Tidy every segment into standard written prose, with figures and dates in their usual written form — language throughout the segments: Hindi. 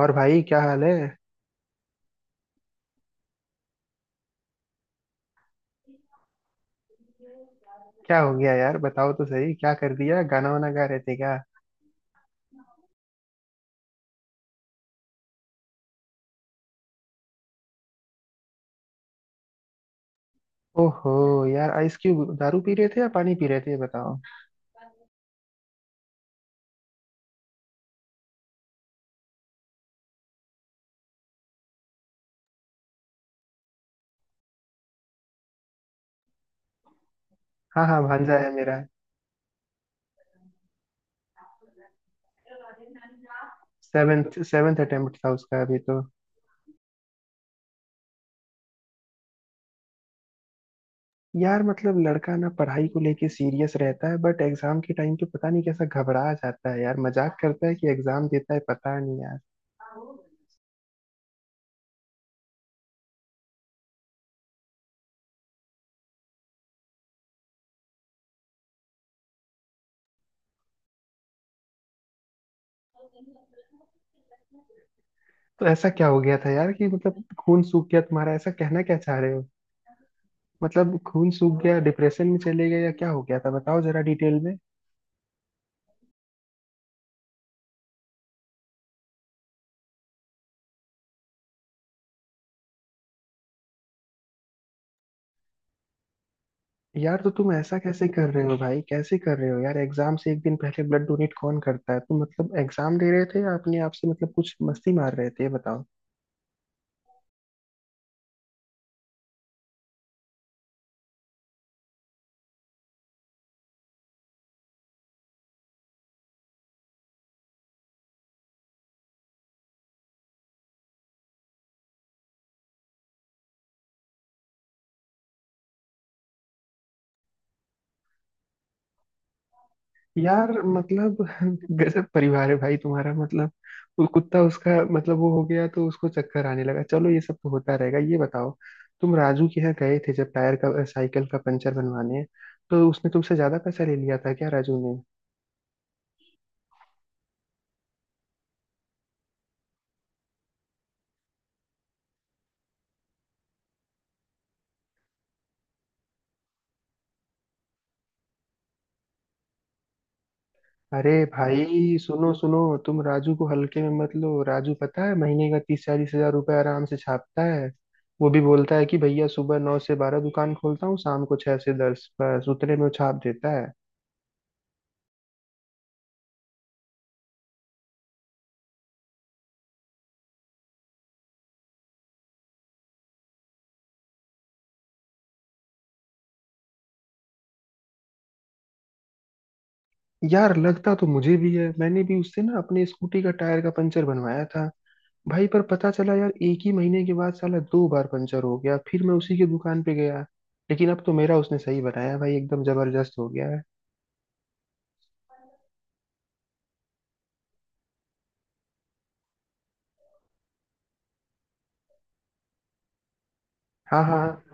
और भाई क्या हाल है। क्या हो गया यार, बताओ तो सही, क्या कर दिया? गाना वाना गा रहे थे क्या? ओहो। यार आइस क्यूब, दारू पी रहे थे या पानी पी रहे थे, ये बताओ। हाँ हाँ, भांजा है मेरा। सेवेंथ सेवेंथ अटेम्प्ट था उसका अभी तो। यार मतलब लड़का ना पढ़ाई को लेके सीरियस रहता है, बट एग्जाम के टाइम पे पता नहीं कैसा घबरा जाता है। यार मजाक करता है कि एग्जाम देता है, पता नहीं यार। तो ऐसा क्या हो गया था यार कि मतलब खून सूख गया तुम्हारा, ऐसा कहना क्या चाह रहे हो? मतलब खून सूख गया, डिप्रेशन में चले गए या क्या हो गया था, बताओ जरा डिटेल में। यार तो तुम ऐसा कैसे कर रहे हो भाई, कैसे कर रहे हो यार, एग्जाम से एक दिन पहले ब्लड डोनेट कौन करता है? तुम मतलब एग्जाम दे रहे थे या अपने आप से मतलब कुछ मस्ती मार रहे थे, ये बताओ। यार मतलब गजब परिवार है भाई तुम्हारा। मतलब वो कुत्ता उसका मतलब वो हो गया तो उसको चक्कर आने लगा, चलो ये सब तो होता रहेगा। ये बताओ, तुम राजू के यहाँ गए थे जब टायर का साइकिल का पंचर बनवाने, तो उसने तुमसे ज्यादा पैसा ले लिया था क्या राजू? अरे भाई सुनो सुनो, तुम राजू को हल्के में मत लो। राजू पता है महीने का 30-40 हजार रुपये आराम से छापता है। वो भी बोलता है कि भैया सुबह 9 से 12 दुकान खोलता हूँ, शाम को 6 से 10, बस उतने में वो छाप देता है। यार लगता तो मुझे भी है, मैंने भी उससे ना अपने स्कूटी का टायर का पंचर बनवाया था भाई, पर पता चला यार एक ही महीने के बाद साला दो बार पंचर हो गया, फिर मैं उसी की दुकान पे गया। लेकिन अब तो मेरा उसने सही बनाया भाई, एकदम जबरदस्त हो गया है। हाँ हाँ हाँ।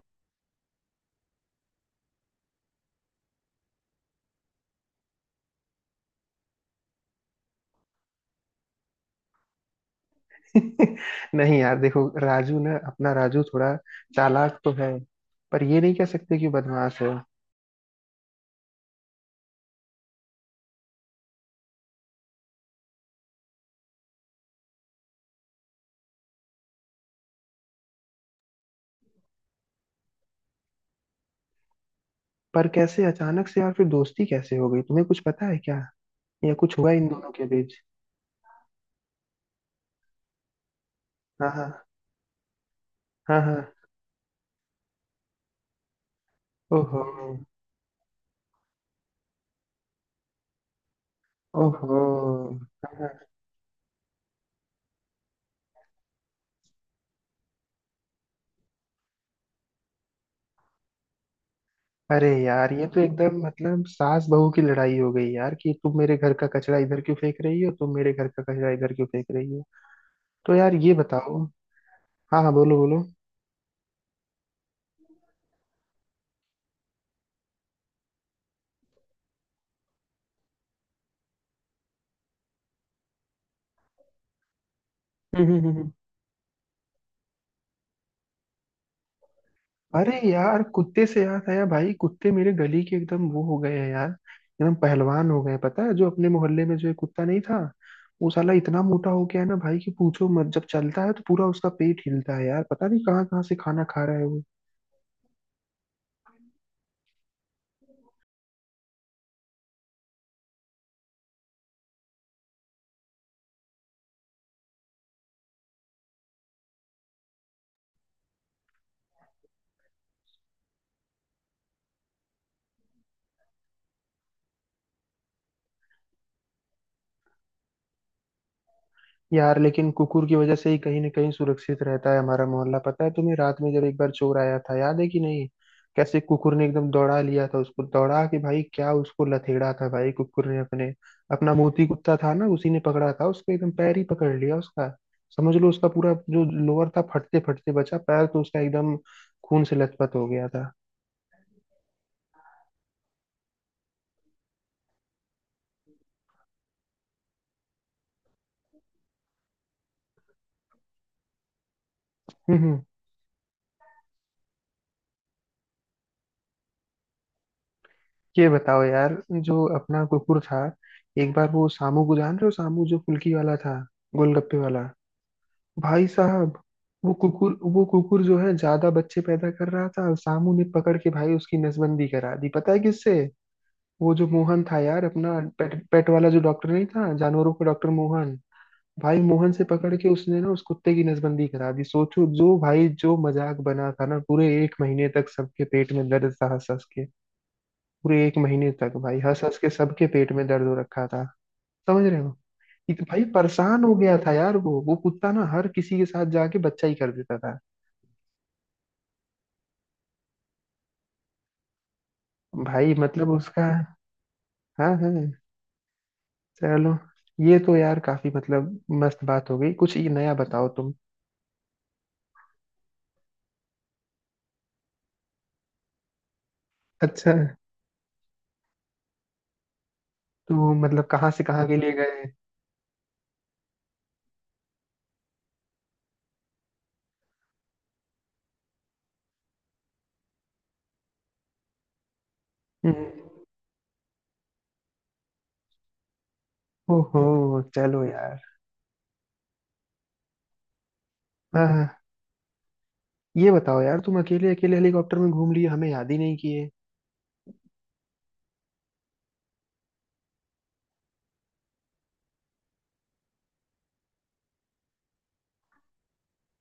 नहीं यार देखो, राजू ना अपना राजू थोड़ा चालाक तो है, पर ये नहीं कह सकते कि बदमाश है। पर कैसे अचानक से यार फिर दोस्ती कैसे हो गई, तुम्हें कुछ पता है क्या, या कुछ हुआ इन दोनों के बीच? हाँ हाँ। हाँ हाँ। ओहो। ओहो। हाँ, हाँ। अरे यार ये तो एकदम मतलब सास बहू की लड़ाई हो गई यार कि तुम मेरे घर का कचरा इधर क्यों फेंक रही हो, तुम मेरे घर का कचरा इधर क्यों फेंक रही हो। तो यार ये बताओ। हाँ हाँ, बोलो बोलो। हम्म। अरे यार कुत्ते से याद आया भाई, कुत्ते मेरे गली के एकदम वो हो गए हैं यार, एकदम पहलवान हो गए हैं। पता है जो अपने मोहल्ले में जो एक कुत्ता नहीं था, वो साला इतना मोटा हो गया है ना भाई कि पूछो मत, जब चलता है तो पूरा उसका पेट हिलता है। यार पता नहीं कहाँ कहाँ से खाना खा रहा है वो। यार लेकिन कुकुर की वजह से ही कहीं ना कहीं सुरक्षित रहता है हमारा मोहल्ला। पता है तुम्हें, रात में जब एक बार चोर आया था, याद है कि नहीं, कैसे कुकुर ने एकदम दौड़ा लिया था उसको, दौड़ा के भाई क्या उसको लथेड़ा था भाई कुकुर ने अपने। अपना मोती कुत्ता था ना, उसी ने पकड़ा था उसको, एकदम पैर ही पकड़ लिया उसका। समझ लो उसका पूरा जो लोअर था फटते फटते बचा, पैर तो उसका एकदम खून से लथपथ हो गया था। हम्म। ये बताओ यार, जो अपना कुकुर था, एक बार वो सामू को जान रहे हो, सामू जो फुल्की वाला था, गोलगप्पे वाला, भाई साहब, वो कुकुर, वो कुकुर जो है ज्यादा बच्चे पैदा कर रहा था, और सामू ने पकड़ के भाई उसकी नसबंदी करा दी। पता है किससे? वो जो मोहन था यार अपना, पेट पेट वाला जो डॉक्टर नहीं था, जानवरों का डॉक्टर मोहन। भाई मोहन से पकड़ के उसने ना उस कुत्ते की नसबंदी करा दी। सोचो, जो भाई जो मजाक बना था ना, पूरे एक महीने तक सबके पेट में दर्द था हंस हंस के। पूरे एक महीने तक भाई हंस हंस के सबके पेट में दर्द हो रखा था। समझ रहे हो? भाई परेशान हो गया था यार, वो कुत्ता ना हर किसी के साथ जाके बच्चा ही कर देता था। भाई मतलब उसका। हाँ हाँ। चलो, ये तो यार काफी मतलब मस्त बात हो गई, कुछ ये नया बताओ तुम। अच्छा, तो मतलब कहाँ से कहाँ के लिए गए? हम्म। ओहो चलो यार। हाँ हाँ। ये बताओ यार, तुम अकेले अकेले हेलीकॉप्टर में घूम लिए, हमें याद ही नहीं किए।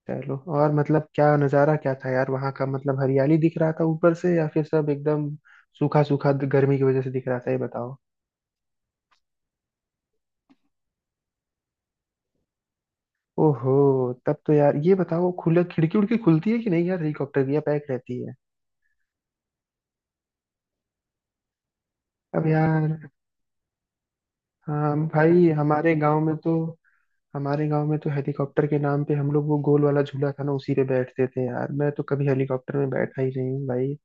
चलो, और मतलब क्या नज़ारा क्या था यार वहाँ का? मतलब हरियाली दिख रहा था ऊपर से, या फिर सब एकदम सूखा सूखा गर्मी की वजह से दिख रहा था, ये बताओ। ओहो। तब तो यार ये बताओ, खुला खिड़की उड़की खुलती है कि नहीं यार हेलीकॉप्टर की, या पैक रहती है? अब यार, हम भाई हमारे गांव में तो, हमारे गांव में तो हेलीकॉप्टर के नाम पे हम लोग वो गोल वाला झूला था ना उसी पे बैठते थे यार, मैं तो कभी हेलीकॉप्टर में बैठा ही नहीं हूँ भाई।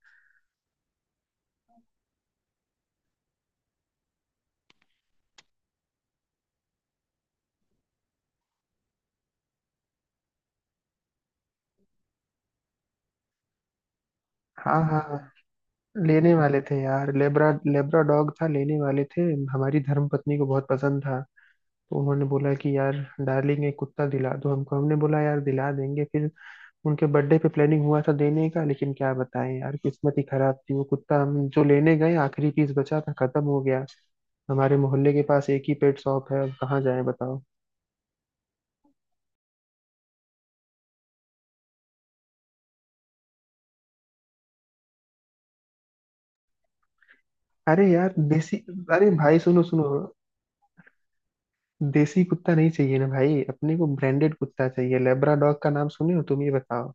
हाँ हाँ। लेने वाले थे यार, लेब्रा लेब्रा डॉग था, लेने वाले थे। हमारी धर्म पत्नी को बहुत पसंद था। तो उन्होंने बोला कि यार डार्लिंग एक कुत्ता दिला दो हमको, हमने बोला यार दिला देंगे। फिर उनके बर्थडे पे प्लानिंग हुआ था देने का, लेकिन क्या बताएं यार, किस्मत ही खराब थी, वो कुत्ता हम जो लेने गए आखिरी पीस बचा था, खत्म हो गया। हमारे मोहल्ले के पास एक ही पेट शॉप है, अब कहाँ जाए बताओ। अरे यार देसी। अरे भाई सुनो सुनो। देसी कुत्ता नहीं चाहिए ना भाई, अपने को ब्रांडेड कुत्ता चाहिए। लेब्राडॉग का नाम सुने हो तुम, ये बताओ।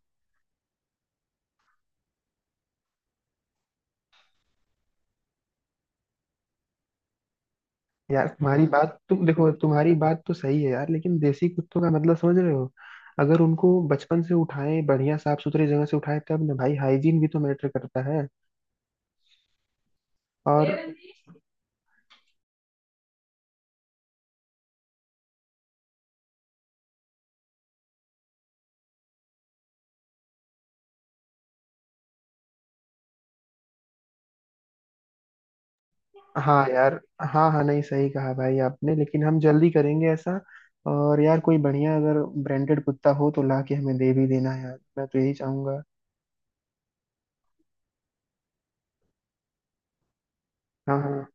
यार तुम्हारी बात, तुम देखो तुम्हारी बात तो सही है यार, लेकिन देसी कुत्तों का मतलब समझ रहे हो, अगर उनको बचपन से उठाए बढ़िया साफ सुथरे जगह से उठाए तब ना भाई, हाइजीन भी तो मैटर करता है। और, हाँ यार, हाँ हाँ, नहीं सही कहा भाई आपने, लेकिन हम जल्दी करेंगे ऐसा। और यार कोई बढ़िया अगर ब्रांडेड कुत्ता हो तो ला के हमें दे भी देना यार, मैं तो यही चाहूंगा। हाँ हाँ।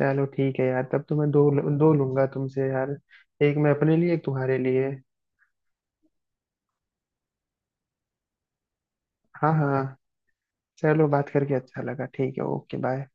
चलो ठीक है यार, तब तो मैं दो, दो लूंगा तुमसे यार, एक मैं अपने लिए एक तुम्हारे लिए। हाँ हाँ। चलो बात करके अच्छा लगा, ठीक है, ओके बाय।